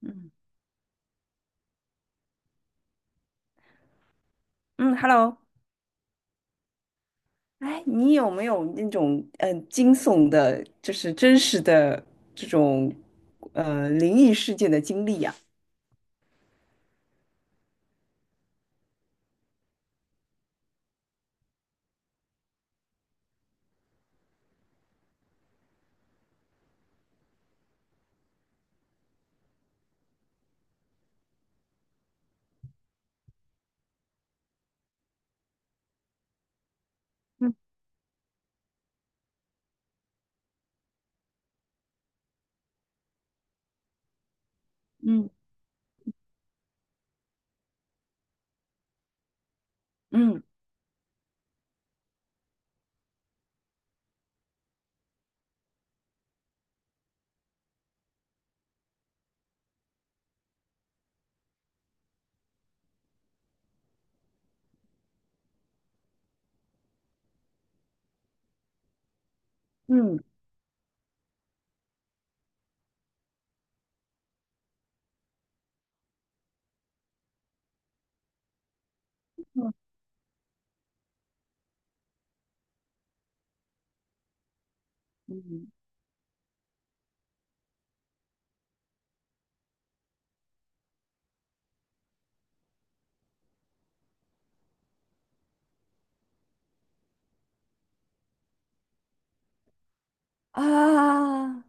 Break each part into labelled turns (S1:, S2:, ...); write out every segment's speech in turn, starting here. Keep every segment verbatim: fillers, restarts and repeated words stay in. S1: 嗯嗯，Hello，哎，你有没有那种呃惊悚的，就是真实的这种呃灵异事件的经历呀？嗯嗯嗯嗯嗯嗯。啊，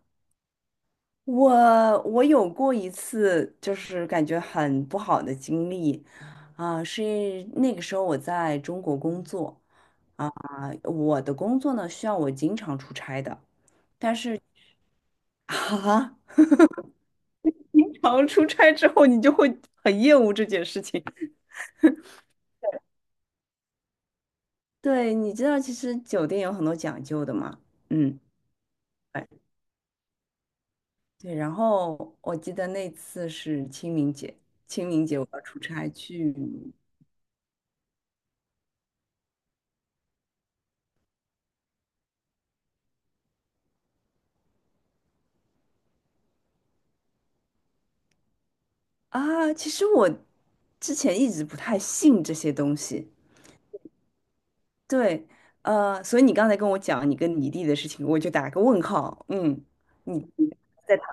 S1: 我我有过一次，就是感觉很不好的经历。啊，是那个时候我在中国工作。啊，我的工作呢需要我经常出差的。啊，经常出差之后，你就会很厌恶这件事情。对，你知道，其实酒店有很多讲究的嘛。嗯，对对。然后我记得那次是清明节，清明节我要出差去。啊，其实我之前一直不太信这些东西。对，呃，所以你刚才跟我讲你跟你弟的事情，我就打个问号。嗯，你你在淘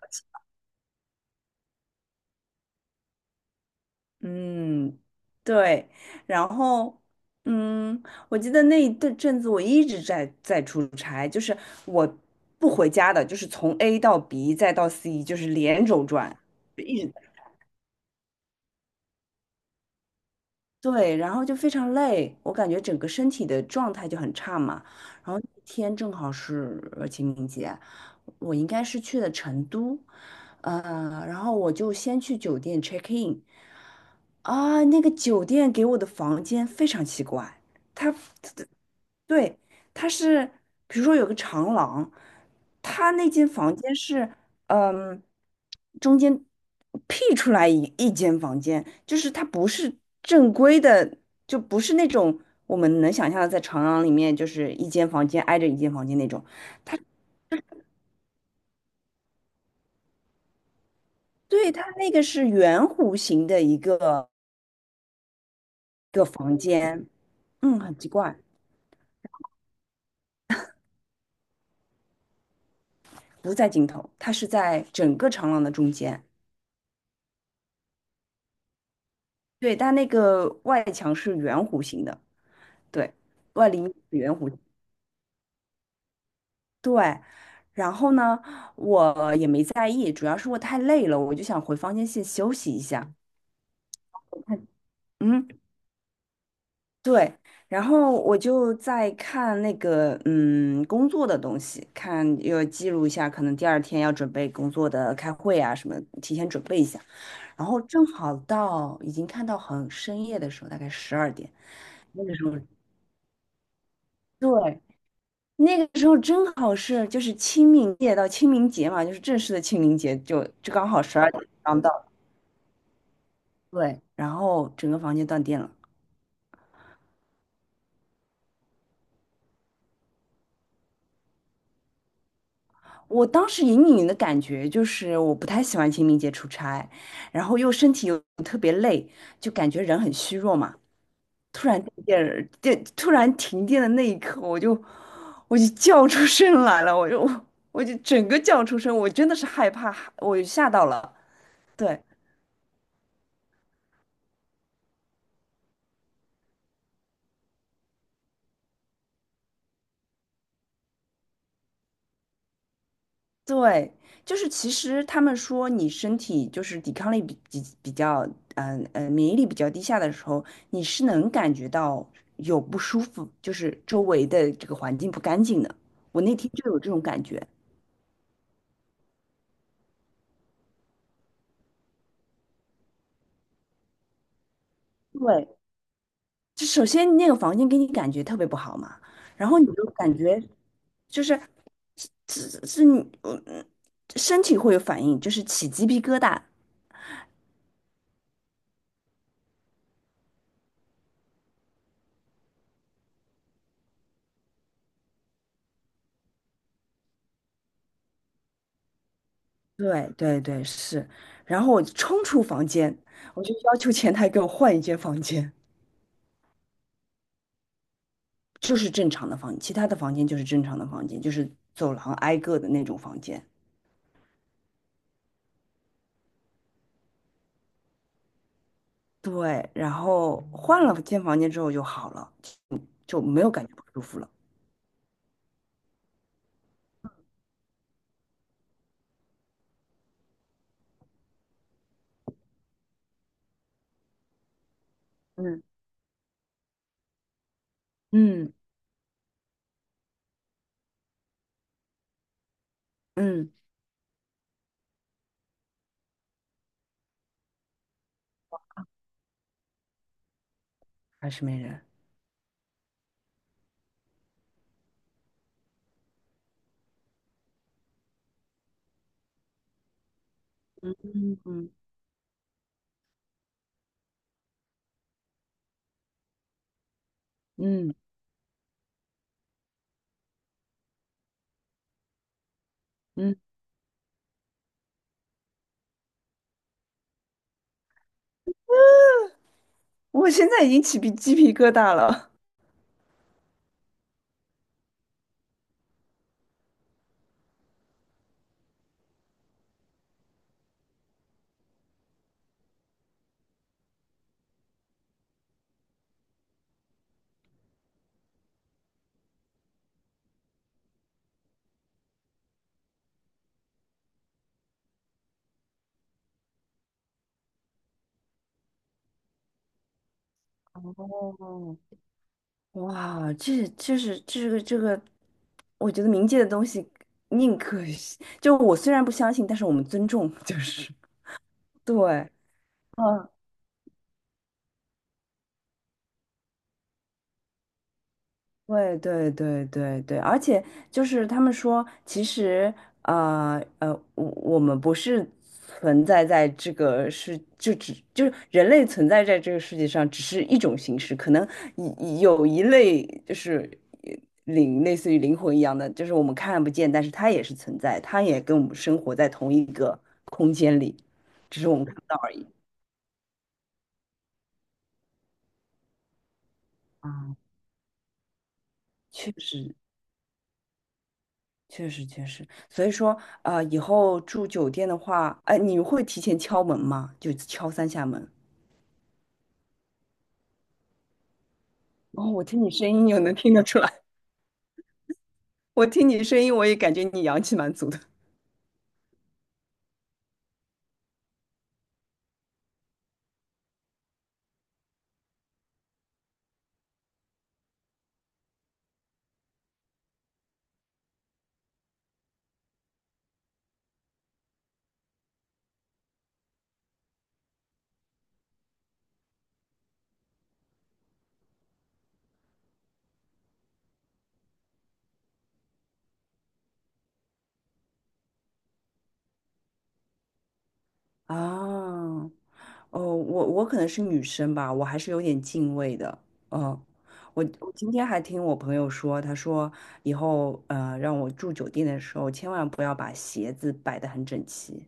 S1: 嗯，对，然后，嗯，我记得那一阵阵子我一直在在出差，就是我不回家的，就是从 A 到 B 再到 C，就是连轴转，一直在对，然后就非常累，我感觉整个身体的状态就很差嘛。然后那天正好是呃清明节，我应该是去的成都，呃，然后我就先去酒店 check in。啊，那个酒店给我的房间非常奇怪。它，它对，它是，比如说有个长廊，它那间房间是，嗯，中间辟出来一一间房间，就是它不是正规的，就不是那种我们能想象的在长廊里面就是一间房间挨着一间房间那种。对，它那个是圆弧形的一个一个房间，嗯，很奇怪。不在尽头，它是在整个长廊的中间。对，但那个外墙是圆弧形的，对，外立面是圆弧。对，然后呢，我也没在意，主要是我太累了，我就想回房间先休息一下。嗯，对，然后我就在看那个嗯工作的东西，看要记录一下，可能第二天要准备工作的开会啊什么，提前准备一下。然后正好到已经看到很深夜的时候，大概十二点，那个时候，对，那个时候正好是就是清明节到清明节嘛，就是正式的清明节就，就刚好十二点刚到，对，然后整个房间断电了。我当时隐隐的感觉就是我不太喜欢清明节出差，然后又身体又特别累，就感觉人很虚弱嘛。突然停电了电突然停电的那一刻，我就我就叫出声来了，我就我就整个叫出声，我真的是害怕，我吓到了。对对，就是其实他们说你身体就是抵抗力比比比较，嗯呃，免疫力比较低下的时候，你是能感觉到有不舒服，就是周围的这个环境不干净的。我那天就有这种感觉。对，就首先那个房间给你感觉特别不好嘛，然后你就感觉。就是是是你嗯嗯身体会有反应，就是起鸡皮疙瘩。对对对，是。然后我冲出房间，我就要求前台给我换一间房间，就是正常的房间其他的房间就是正常的房间，就是走廊挨个的那种房间。对，然后换了间房间之后就好了，就没有感觉不舒服了。嗯嗯嗯，还是没人。嗯嗯嗯嗯，我现在已经起皮鸡皮疙瘩了。哦，哇，这这是这个这个，我觉得冥界的东西宁可信，就我虽然不相信，但是我们尊重。就是对，嗯，对对对对对，而且就是他们说，其实呃呃，我我们不是存在在这个世，就只就是人类存在在这个世界上，只是一种形式，可能一有一类就是呃灵，类似于灵魂一样的，就是我们看不见，但是它也是存在，它也跟我们生活在同一个空间里，只是我们看不到而已。啊，确实，确实确实，所以说啊呃以后住酒店的话，哎，你会提前敲门吗？就敲三下门。哦，我听你声音就能听得出来，我听你声音我也感觉你阳气蛮足的。啊，哦，我我可能是女生吧，我还是有点敬畏的。嗯，我我今天还听我朋友说，他说以后呃让我住酒店的时候，千万不要把鞋子摆得很整齐。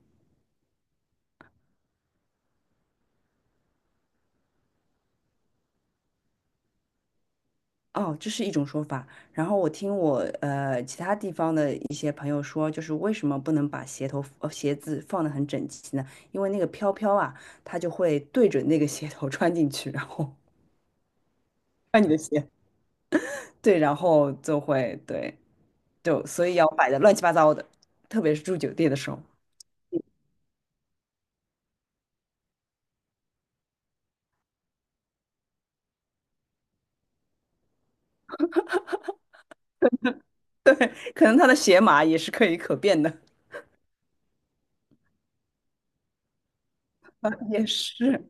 S1: 哦，这是一种说法。然后我听我呃其他地方的一些朋友说，就是为什么不能把鞋头呃鞋子放得很整齐呢？因为那个飘飘啊，它就会对准那个鞋头穿进去，然后穿你的鞋，对，然后就会对，就所以要摆的乱七八糟的，特别是住酒店的时候，可能他的鞋码也是可以可变的。也是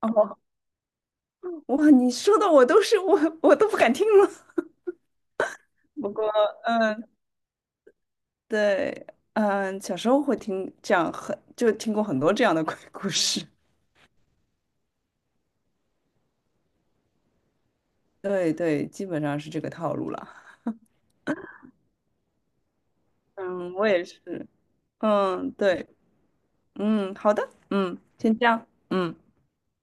S1: 哦，哇，你说的我都是我我都不敢听了。不过，嗯。对，嗯，小时候会听这样很，就听过很多这样的 鬼故事。对对，基本上是这个套路了。嗯，我也是。嗯，对，嗯，好的，嗯，先这样，嗯。